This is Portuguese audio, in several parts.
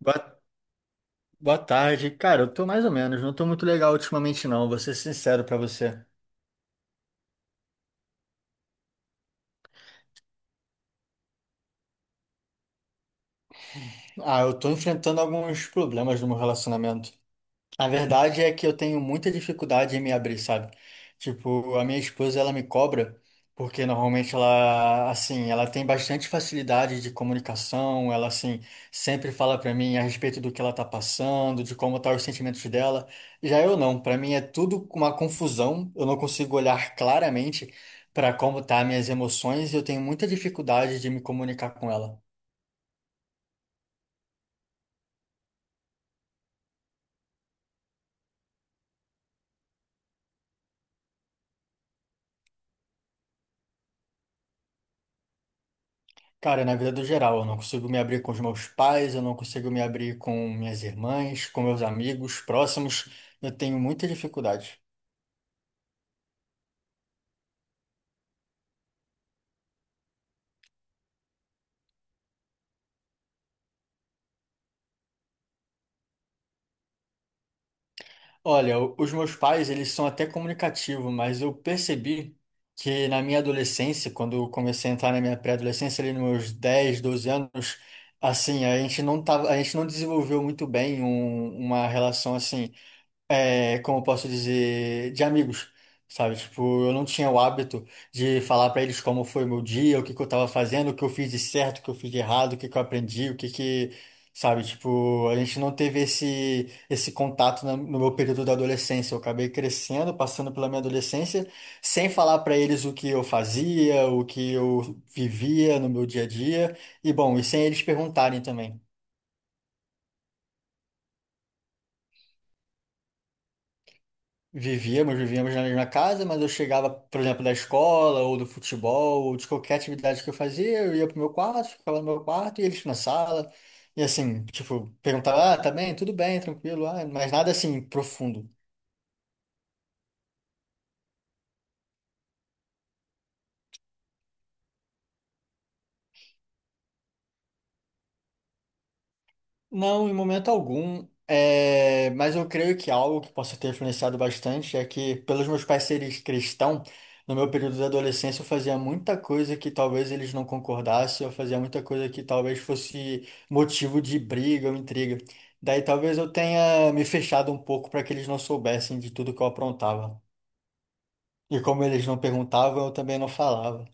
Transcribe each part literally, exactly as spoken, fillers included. Boa, boa tarde. Cara, eu tô mais ou menos, não tô muito legal ultimamente não, vou ser sincero pra você. Ah, eu tô enfrentando alguns problemas no meu relacionamento. A verdade é que eu tenho muita dificuldade em me abrir, sabe? Tipo, a minha esposa, ela me cobra, porque normalmente ela, assim, ela tem bastante facilidade de comunicação, ela, assim, sempre fala pra mim a respeito do que ela tá passando, de como tá os sentimentos dela. Já eu não, pra mim é tudo uma confusão, eu não consigo olhar claramente pra como tá minhas emoções e eu tenho muita dificuldade de me comunicar com ela. Cara, na vida do geral, eu não consigo me abrir com os meus pais, eu não consigo me abrir com minhas irmãs, com meus amigos próximos. Eu tenho muita dificuldade. Olha, o- os meus pais, eles são até comunicativos, mas eu percebi que na minha adolescência, quando eu comecei a entrar na minha pré-adolescência, ali nos meus dez, doze anos, assim, a gente não tava, a gente não desenvolveu muito bem um- uma relação assim. É, como eu posso dizer, de amigos, sabe? Tipo, eu não tinha o hábito de falar pra eles como foi o meu dia, o que que eu tava fazendo, o que eu fiz de certo, o que eu fiz de errado, o que que eu aprendi, o que que, sabe? Tipo, a gente não teve esse esse contato na- no meu período da adolescência. Eu acabei crescendo, passando pela minha adolescência, sem falar pra eles o que eu fazia, o que eu vivia no meu dia a dia, e bom, e sem eles perguntarem também. Vivíamos, vivíamos na mesma casa, mas eu chegava, por exemplo, da escola ou do futebol, ou de qualquer atividade que eu fazia, eu ia pro meu quarto, ficava no meu quarto e eles na sala. E assim, tipo, perguntava, ah, tá bem? Tudo bem, tranquilo, ah, mas nada assim profundo. Não, em momento algum. É, mas eu creio que algo que possa ter influenciado bastante é que, pelos meus pais serem cristãos, no meu período de adolescência eu fazia muita coisa que talvez eles não concordassem, eu fazia muita coisa que talvez fosse motivo de briga ou intriga. Daí talvez eu tenha me fechado um pouco para que eles não soubessem de tudo que eu aprontava. E como eles não perguntavam, eu também não falava.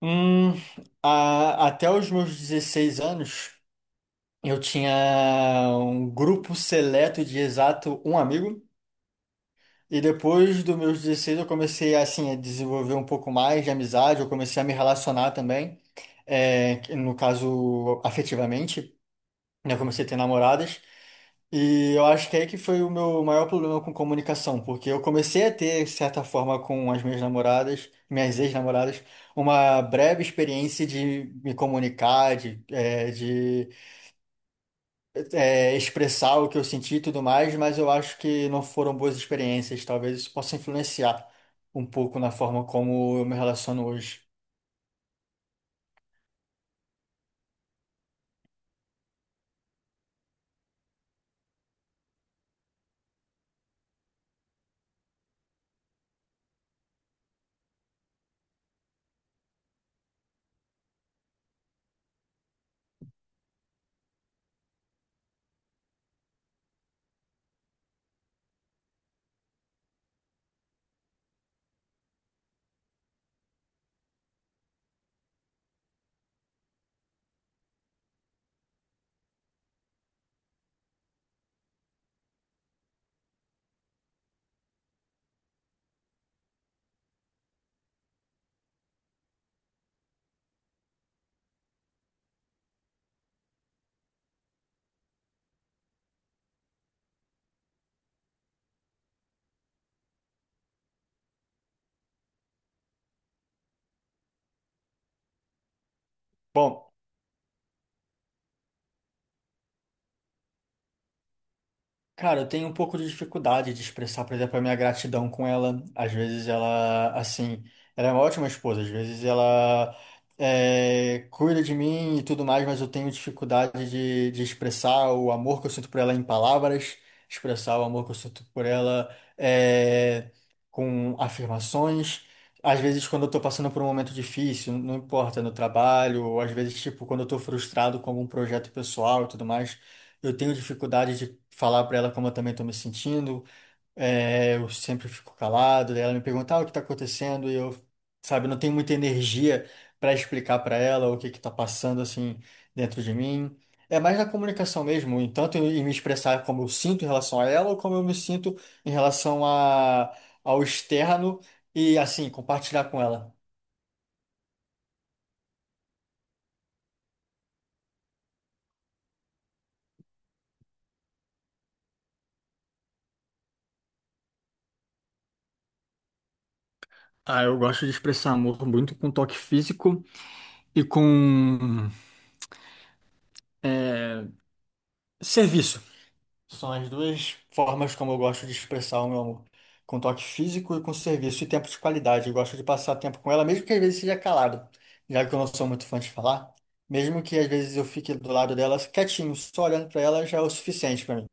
Hum, a- Até os meus dezesseis anos. Eu tinha um grupo seleto de exato um amigo. E depois dos meus dezesseis eu comecei assim a desenvolver um pouco mais de amizade, eu comecei a me relacionar também, é, que no caso afetivamente, né? Eu comecei a ter namoradas. E eu acho que é aí que foi o meu maior problema com comunicação, porque eu comecei a ter, de certa forma, com as minhas namoradas, minhas ex-namoradas, uma breve experiência de me comunicar, de, é, expressar o que eu senti e tudo mais, mas eu acho que não foram boas experiências. Talvez isso possa influenciar um pouco na forma como eu me relaciono hoje. Bom. Cara, eu tenho um pouco de dificuldade de expressar, por exemplo, a minha gratidão com ela. Às vezes ela, assim, ela é uma ótima esposa, às vezes ela é, cuida de mim e tudo mais, mas eu tenho dificuldade de, de expressar o amor que eu sinto por ela em palavras, expressar o amor que eu sinto por ela é, com afirmações. Às vezes, quando eu tô passando por um momento difícil, não importa, no trabalho, ou às vezes, tipo, quando eu tô frustrado com algum projeto pessoal e tudo mais. Eu tenho dificuldade de falar para ela como eu também estou me sentindo. É, eu sempre fico calado. Daí, ela me pergunta, ah, o que está acontecendo? E eu, sabe, não tenho muita energia para explicar para ela o que que está passando assim dentro de mim. É mais na comunicação mesmo, em tanto em me expressar como eu sinto em relação a ela ou como eu me sinto em relação a, ao externo e assim compartilhar com ela. Ah, eu gosto de expressar amor muito com toque físico e com é, serviço. São as duas formas como eu gosto de expressar o meu amor. Com toque físico e com serviço e tempo de qualidade. Eu gosto de passar tempo com ela, mesmo que às vezes seja calado, já que eu não sou muito fã de falar. Mesmo que às vezes eu fique do lado dela quietinho, só olhando pra ela já é o suficiente pra mim.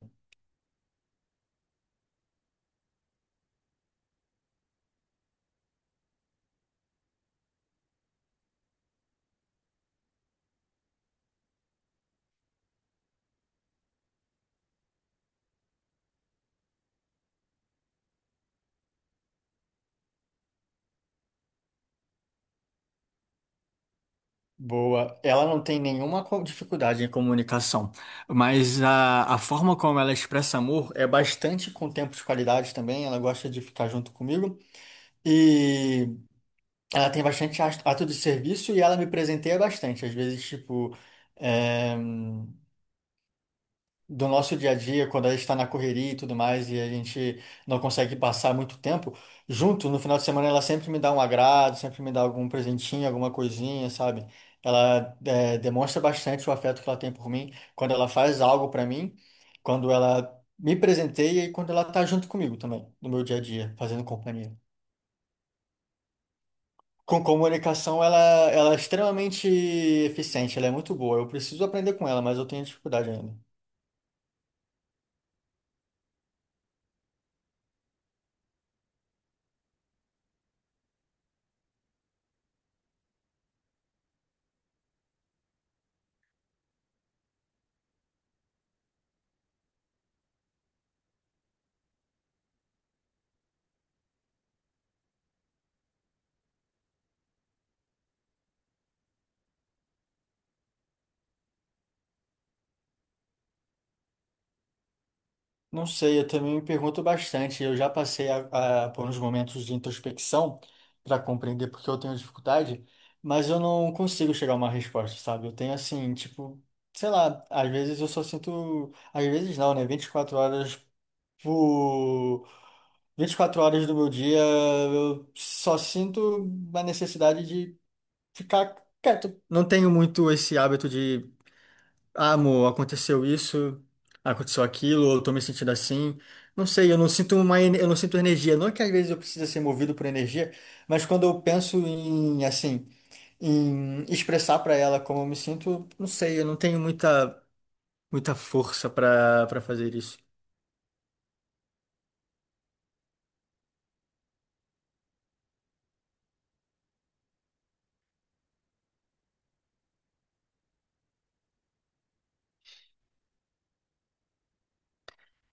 Boa. Ela não tem nenhuma co- dificuldade em comunicação, mas a, a forma como ela expressa amor é bastante com tempo de qualidade também. Ela gosta de ficar junto comigo. Ela tem bastante as- ato de serviço e ela me presenteia bastante. Às vezes, tipo, é, do nosso dia a dia, quando ela está na correria e tudo mais, e a gente não consegue passar muito tempo junto, no final de semana ela sempre me dá um agrado, sempre me dá algum presentinho, alguma coisinha, sabe? Ela é, demonstra bastante o afeto que ela tem por mim quando ela faz algo para mim, quando ela me presenteia e quando ela tá junto comigo também, no meu dia a dia, fazendo companhia. Com comunicação, ela, ela é extremamente eficiente, ela é muito boa. Eu preciso aprender com ela, mas eu tenho dificuldade ainda. Não sei, eu também me pergunto bastante. Eu já passei a, a- por uns momentos de introspecção para compreender por que eu tenho dificuldade, mas eu não consigo chegar a uma resposta, sabe? Eu tenho assim, tipo, sei lá, às vezes eu só sinto, às vezes não, né? Vinte e quatro horas por vinte e quatro horas do meu dia, eu só sinto a necessidade de ficar quieto. Não tenho muito esse hábito de, ah, amor, aconteceu isso, aconteceu aquilo, ou eu tô me sentindo assim. Não sei, eu não sinto uma, ene- eu não sinto energia. Não é que às vezes eu precise ser movido por energia, mas quando eu penso em, assim, em expressar pra ela como eu me sinto, não sei, eu não tenho muita, muita força pra para fazer isso.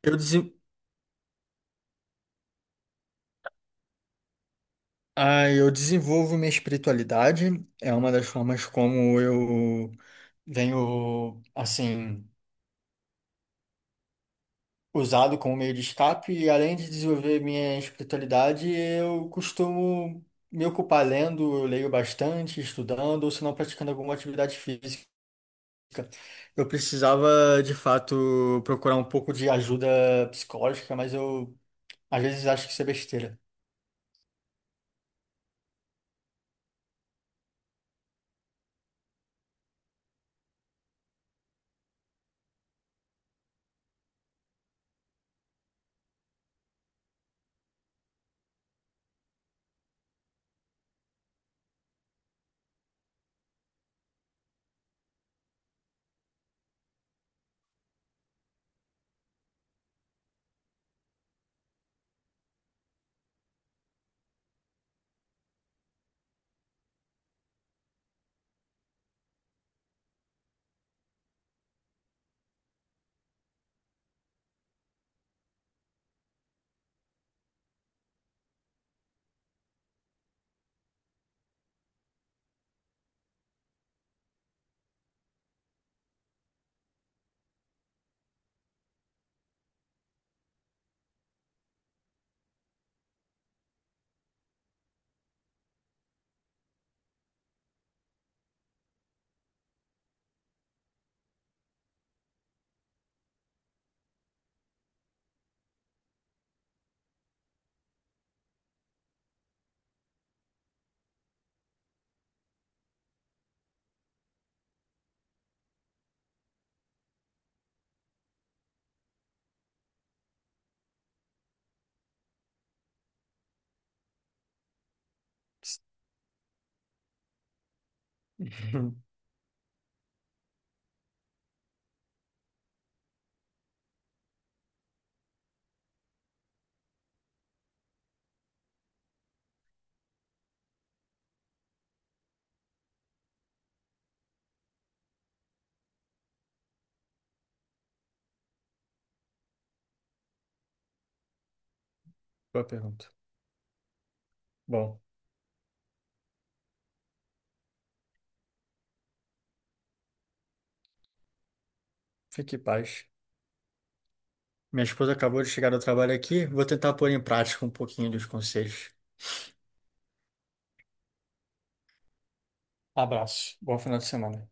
Eu desen... Ah, eu desenvolvo minha espiritualidade, é uma das formas como eu venho, assim, usado como meio de escape e além de desenvolver minha espiritualidade, eu costumo me ocupar lendo, eu leio bastante, estudando, ou se não praticando alguma atividade física. Eu precisava, de fato, procurar um pouco de ajuda psicológica, mas eu às vezes acho que isso é besteira. Boa pergunta. Bom, fique em paz. Minha esposa acabou de chegar do trabalho aqui, vou tentar pôr em prática um pouquinho dos conselhos. Abraço, bom final de semana.